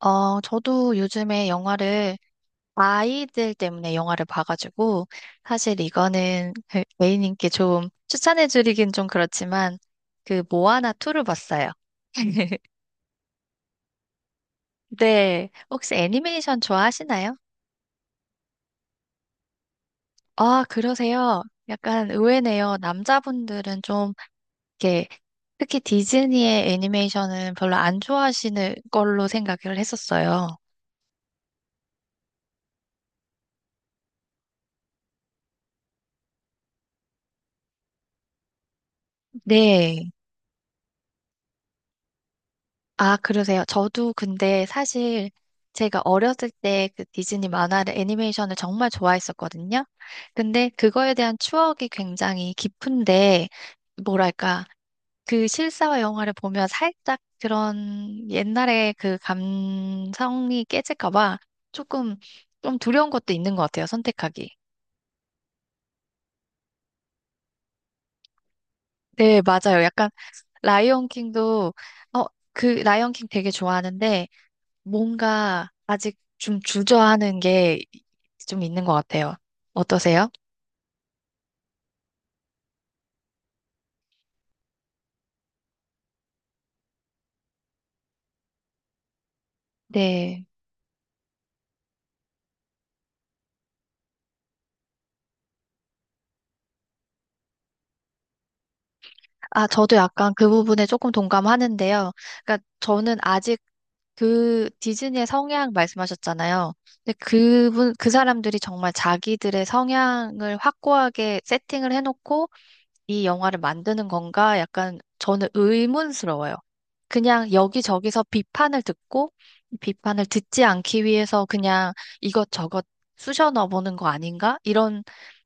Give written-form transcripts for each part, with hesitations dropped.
저도 요즘에 영화를 아이들 때문에 영화를 봐가지고 사실 이거는 그 A님께 좀 추천해드리긴 좀 그렇지만 그 모아나 2를 봤어요. 네, 혹시 애니메이션 좋아하시나요? 아, 그러세요? 약간 의외네요. 남자분들은 좀 이렇게 특히 디즈니의 애니메이션은 별로 안 좋아하시는 걸로 생각을 했었어요. 네. 아, 그러세요? 저도 근데 사실 제가 어렸을 때 그 디즈니 만화를 애니메이션을 정말 좋아했었거든요. 근데 그거에 대한 추억이 굉장히 깊은데, 뭐랄까, 그 실사화 영화를 보면 살짝 그런 옛날의 그 감성이 깨질까 봐 조금 좀 두려운 것도 있는 것 같아요, 선택하기. 네, 맞아요. 약간 라이온 킹도 어, 그 라이온 킹 되게 좋아하는데 뭔가 아직 좀 주저하는 게 좀 있는 것 같아요. 어떠세요? 네. 아, 저도 약간 그 부분에 조금 동감하는데요. 그러니까 저는 아직 그 디즈니의 성향 말씀하셨잖아요. 근데 그분, 그 사람들이 정말 자기들의 성향을 확고하게 세팅을 해놓고 이 영화를 만드는 건가? 약간 저는 의문스러워요. 그냥 여기저기서 비판을 듣고 이 비판을 듣지 않기 위해서 그냥 이것저것 쑤셔 넣어보는 거 아닌가? 이런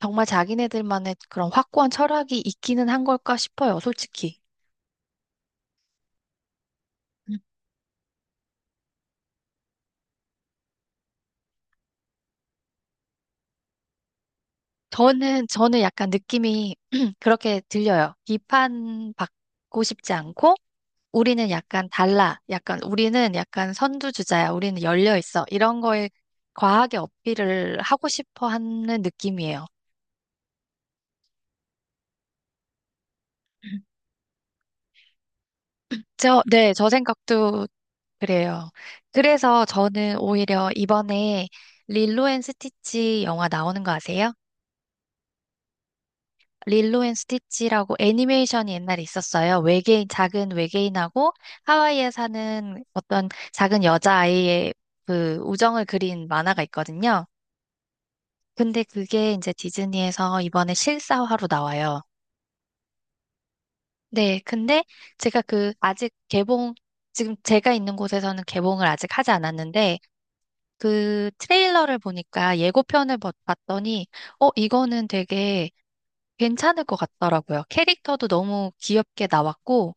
정말 자기네들만의 그런 확고한 철학이 있기는 한 걸까 싶어요, 솔직히. 음. 저는 약간 느낌이 그렇게 들려요. 비판받고 싶지 않고 우리는 약간 달라. 약간 우리는 약간 선두주자야. 우리는 열려 있어. 이런 거에 과하게 어필을 하고 싶어 하는 느낌이에요. 네, 저 생각도 그래요. 그래서 저는 오히려 이번에 릴로 앤 스티치 영화 나오는 거 아세요? 릴로 앤 스티치라고 애니메이션이 옛날에 있었어요. 외계인, 작은 외계인하고 하와이에 사는 어떤 작은 여자아이의 그 우정을 그린 만화가 있거든요. 근데 그게 이제 디즈니에서 이번에 실사화로 나와요. 네, 근데 제가 그 아직 개봉, 지금 제가 있는 곳에서는 개봉을 아직 하지 않았는데 그 트레일러를 보니까 예고편을 봤더니 이거는 되게 괜찮을 것 같더라고요. 캐릭터도 너무 귀엽게 나왔고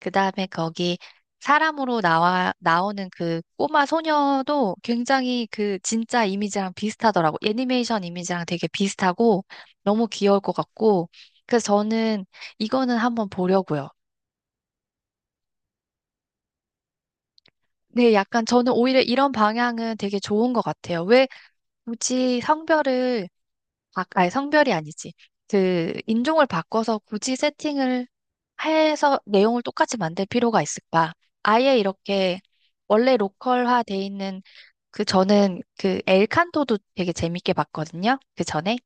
그 다음에 거기 사람으로 나오는 그 꼬마 소녀도 굉장히 그 진짜 이미지랑 비슷하더라고. 애니메이션 이미지랑 되게 비슷하고 너무 귀여울 것 같고. 그래서 저는 이거는 한번 보려고요. 네, 약간 저는 오히려 이런 방향은 되게 좋은 것 같아요. 왜 굳이 성별을, 아, 아니, 성별이 아니지. 그 인종을 바꿔서 굳이 세팅을 해서 내용을 똑같이 만들 필요가 있을까? 아예 이렇게 원래 로컬화 돼 있는 그 저는 그 엘칸토도 되게 재밌게 봤거든요. 그 전에.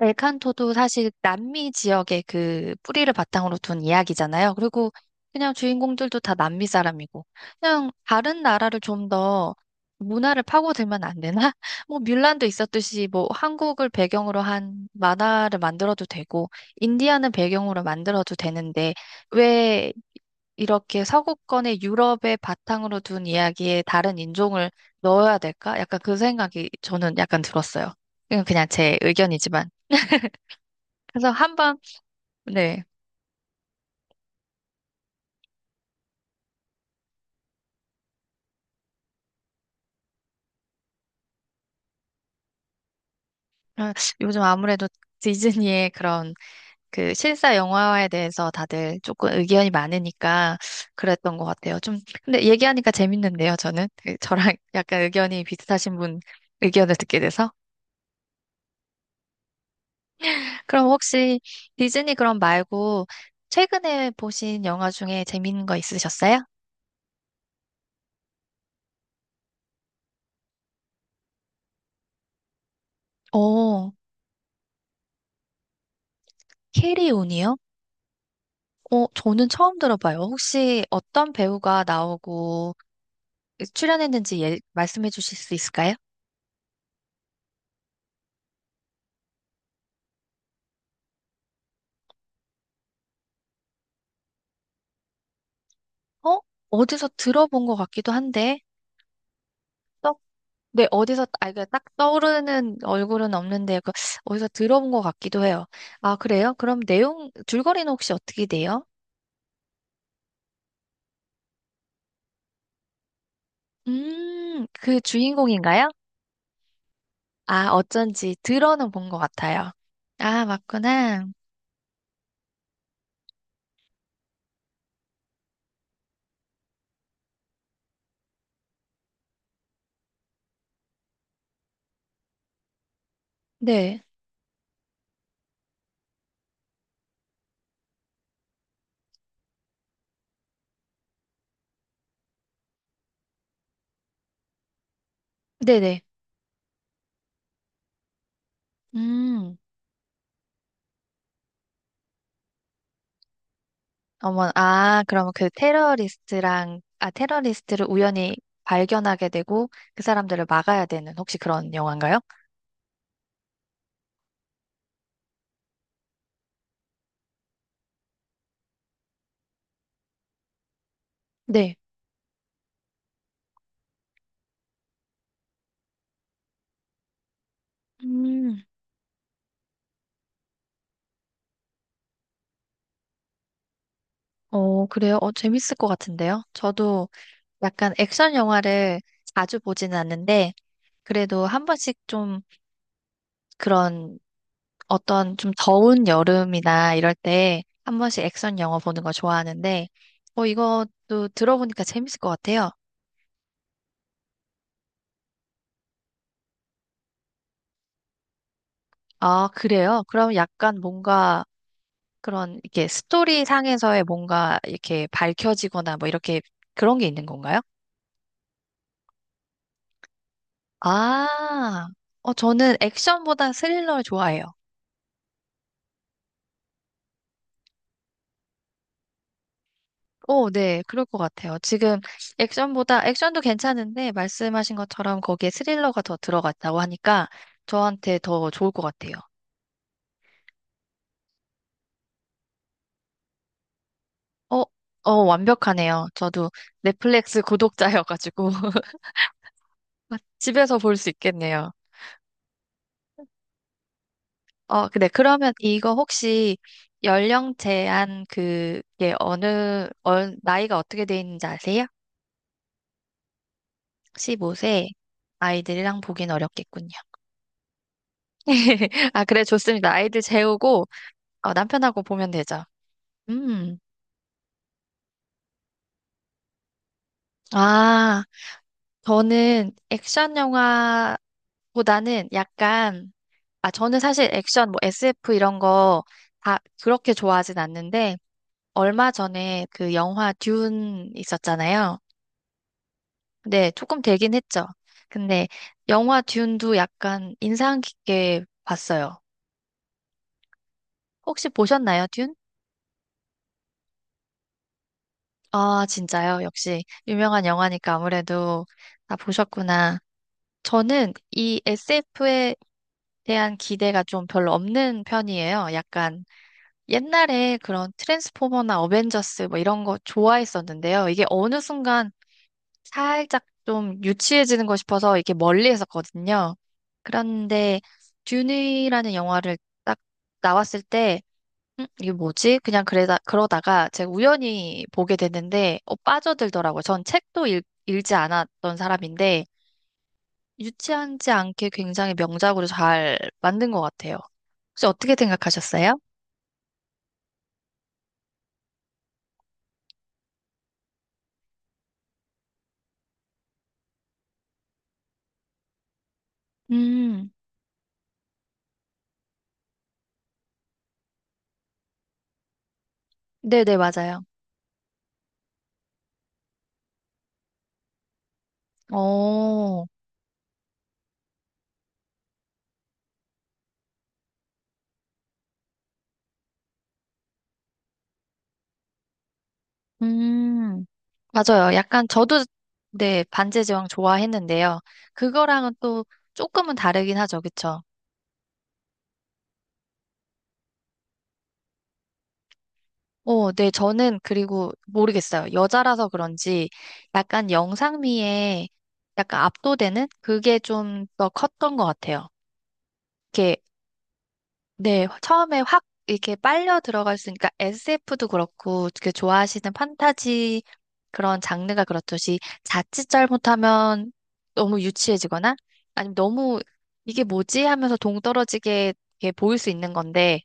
엘칸토도 사실 남미 지역의 그 뿌리를 바탕으로 둔 이야기잖아요. 그리고 그냥 주인공들도 다 남미 사람이고. 그냥 다른 나라를 좀 더 문화를 파고들면 안 되나? 뭐 뮬란도 있었듯이 뭐 한국을 배경으로 한 만화를 만들어도 되고 인디아는 배경으로 만들어도 되는데 왜 이렇게 서구권의 유럽의 바탕으로 둔 이야기에 다른 인종을 넣어야 될까? 약간 그 생각이 저는 약간 들었어요. 이건 그냥 제 의견이지만. 그래서 한번, 네. 아, 요즘 아무래도 디즈니의 그런 그 실사 영화화에 대해서 다들 조금 의견이 많으니까 그랬던 것 같아요. 좀, 근데 얘기하니까 재밌는데요, 저는. 그 저랑 약간 의견이 비슷하신 분 의견을 듣게 돼서. 그럼 혹시 디즈니 그럼 말고 최근에 보신 영화 중에 재밌는 거 있으셨어요? 어, 캐리온이요? 어, 저는 처음 들어봐요. 혹시 어떤 배우가 나오고 출연했는지 말씀해 주실 수 있을까요? 어? 어디서 들어본 것 같기도 한데, 떡, 네, 어디서, 아, 이게 딱 떠오르는 얼굴은 없는데, 그, 어디서 들어본 것 같기도 해요. 아, 그래요? 그럼 내용, 줄거리는 혹시 어떻게 돼요? 그 주인공인가요? 아, 어쩐지 들어는 본 것 같아요. 아, 맞구나. 네, 네네. 음, 어머, 아, 그러면 그 테러리스트랑, 아, 테러리스트를 우연히 발견하게 되고 그 사람들을 막아야 되는 혹시 그런 영화인가요? 네. 음, 어, 그래요? 어, 재밌을 것 같은데요? 저도 약간 액션 영화를 자주 보지는 않는데, 그래도 한 번씩 좀 그런 어떤 좀 더운 여름이나 이럴 때 한 번씩 액션 영화 보는 거 좋아하는데, 어, 이것도 들어보니까 재밌을 것 같아요. 아, 그래요? 그럼 약간 뭔가 그런 이렇게 스토리 상에서의 뭔가 이렇게 밝혀지거나 뭐 이렇게 그런 게 있는 건가요? 아, 어, 저는 액션보다 스릴러를 좋아해요. 오, 네, 그럴 것 같아요. 지금 액션도 괜찮은데 말씀하신 것처럼 거기에 스릴러가 더 들어갔다고 하니까 저한테 더 좋을 것 같아요. 어, 어, 완벽하네요. 저도 넷플릭스 구독자여가지고 집에서 볼 수 있겠네요. 어, 근데 그러면 이거 혹시 연령 제한 그게 어느, 어, 나이가 어떻게 돼 있는지 아세요? 15세 아이들이랑 보긴 어렵겠군요. 아, 그래, 좋습니다. 아이들 재우고 어, 남편하고 보면 되죠. 음. 아, 저는 액션 영화보다는 약간 아, 저는 사실 액션, 뭐 SF 이런 거 다 그렇게 좋아하진 않는데, 얼마 전에 그 영화 듄 있었잖아요. 근데 조금 되긴 했죠. 근데 영화 듄도 약간 인상 깊게 봤어요. 혹시 보셨나요, 듄? 아, 진짜요? 역시 유명한 영화니까 아무래도 다 보셨구나. 저는 이 SF에 대한 기대가 좀 별로 없는 편이에요. 약간 옛날에 그런 트랜스포머나 어벤져스 뭐 이런 거 좋아했었는데요. 이게 어느 순간 살짝 좀 유치해지는 거 싶어서 이렇게 멀리 했었거든요. 그런데 듄이라는 영화를 딱 나왔을 때 이게 뭐지? 그냥 그러다가 제가 우연히 보게 됐는데 어, 빠져들더라고요. 전 책도 읽지 않았던 사람인데 유치하지 않게 굉장히 명작으로 잘 만든 것 같아요. 혹시 어떻게 생각하셨어요? 음, 네네, 맞아요. 어, 음, 맞아요. 약간 저도, 네, 반지의 제왕 좋아했는데요. 그거랑은 또 조금은 다르긴 하죠. 그쵸? 어, 네, 저는 그리고 모르겠어요. 여자라서 그런지 약간 영상미에 약간 압도되는 그게 좀 더 컸던 것 같아요. 네, 처음에 확 이렇게 빨려 들어갈 있으니까 SF도 그렇고, 그 좋아하시는 판타지 그런 장르가 그렇듯이 자칫 잘못하면 너무 유치해지거나 아니면 너무 이게 뭐지 하면서 동떨어지게 이렇게 보일 수 있는 건데,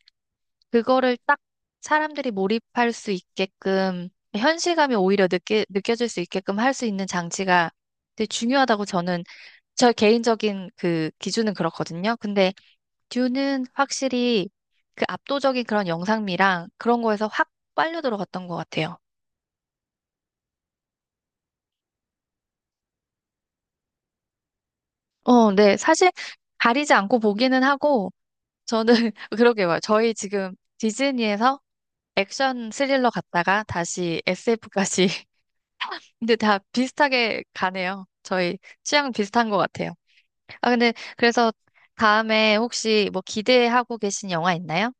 그거를 딱 사람들이 몰입할 수 있게끔, 현실감이 오히려 느껴질 수 있게끔 할 수 있는 장치가 되게 중요하다고 저는, 저 개인적인 그 기준은 그렇거든요. 근데 듀는 확실히 그 압도적인 그런 영상미랑 그런 거에서 확 빨려 들어갔던 것 같아요. 어, 네. 사실 가리지 않고 보기는 하고, 저는 그러게 요 저희 지금 디즈니에서 액션 스릴러 갔다가 다시 SF까지. 근데 다 비슷하게 가네요. 저희 취향 비슷한 것 같아요. 아, 근데 그래서 다음에 혹시 뭐 기대하고 계신 영화 있나요?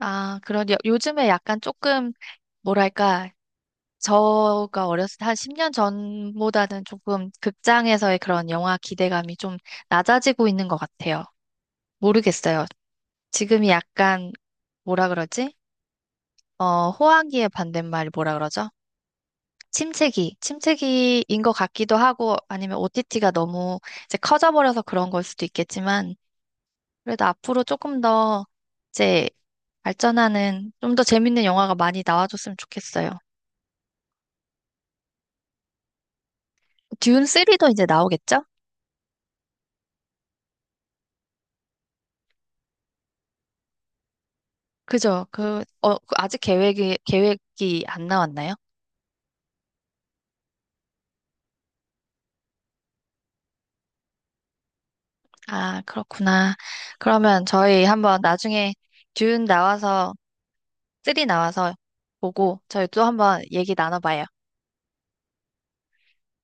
아, 그런 요즘에 약간 조금 뭐랄까 저가 어렸을 때 한 10년 전보다는 조금 극장에서의 그런 영화 기대감이 좀 낮아지고 있는 것 같아요. 모르겠어요. 지금이 약간 뭐라 그러지? 어, 호황기의 반대말이 뭐라 그러죠? 침체기, 침체기인 것 같기도 하고 아니면 OTT가 너무 이제 커져버려서 그런 걸 수도 있겠지만 그래도 앞으로 조금 더 이제 발전하는 좀 더 재밌는 영화가 많이 나와줬으면 좋겠어요. 듄 3도 이제 나오겠죠? 그죠? 그, 그 아직 계획이 안 나왔나요? 아, 그렇구나. 그러면 저희 한번 나중에 듄 나와서, 쓰리 나와서 보고 저희 또 한번 얘기 나눠봐요.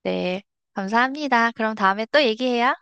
네, 감사합니다. 그럼 다음에 또 얘기해요.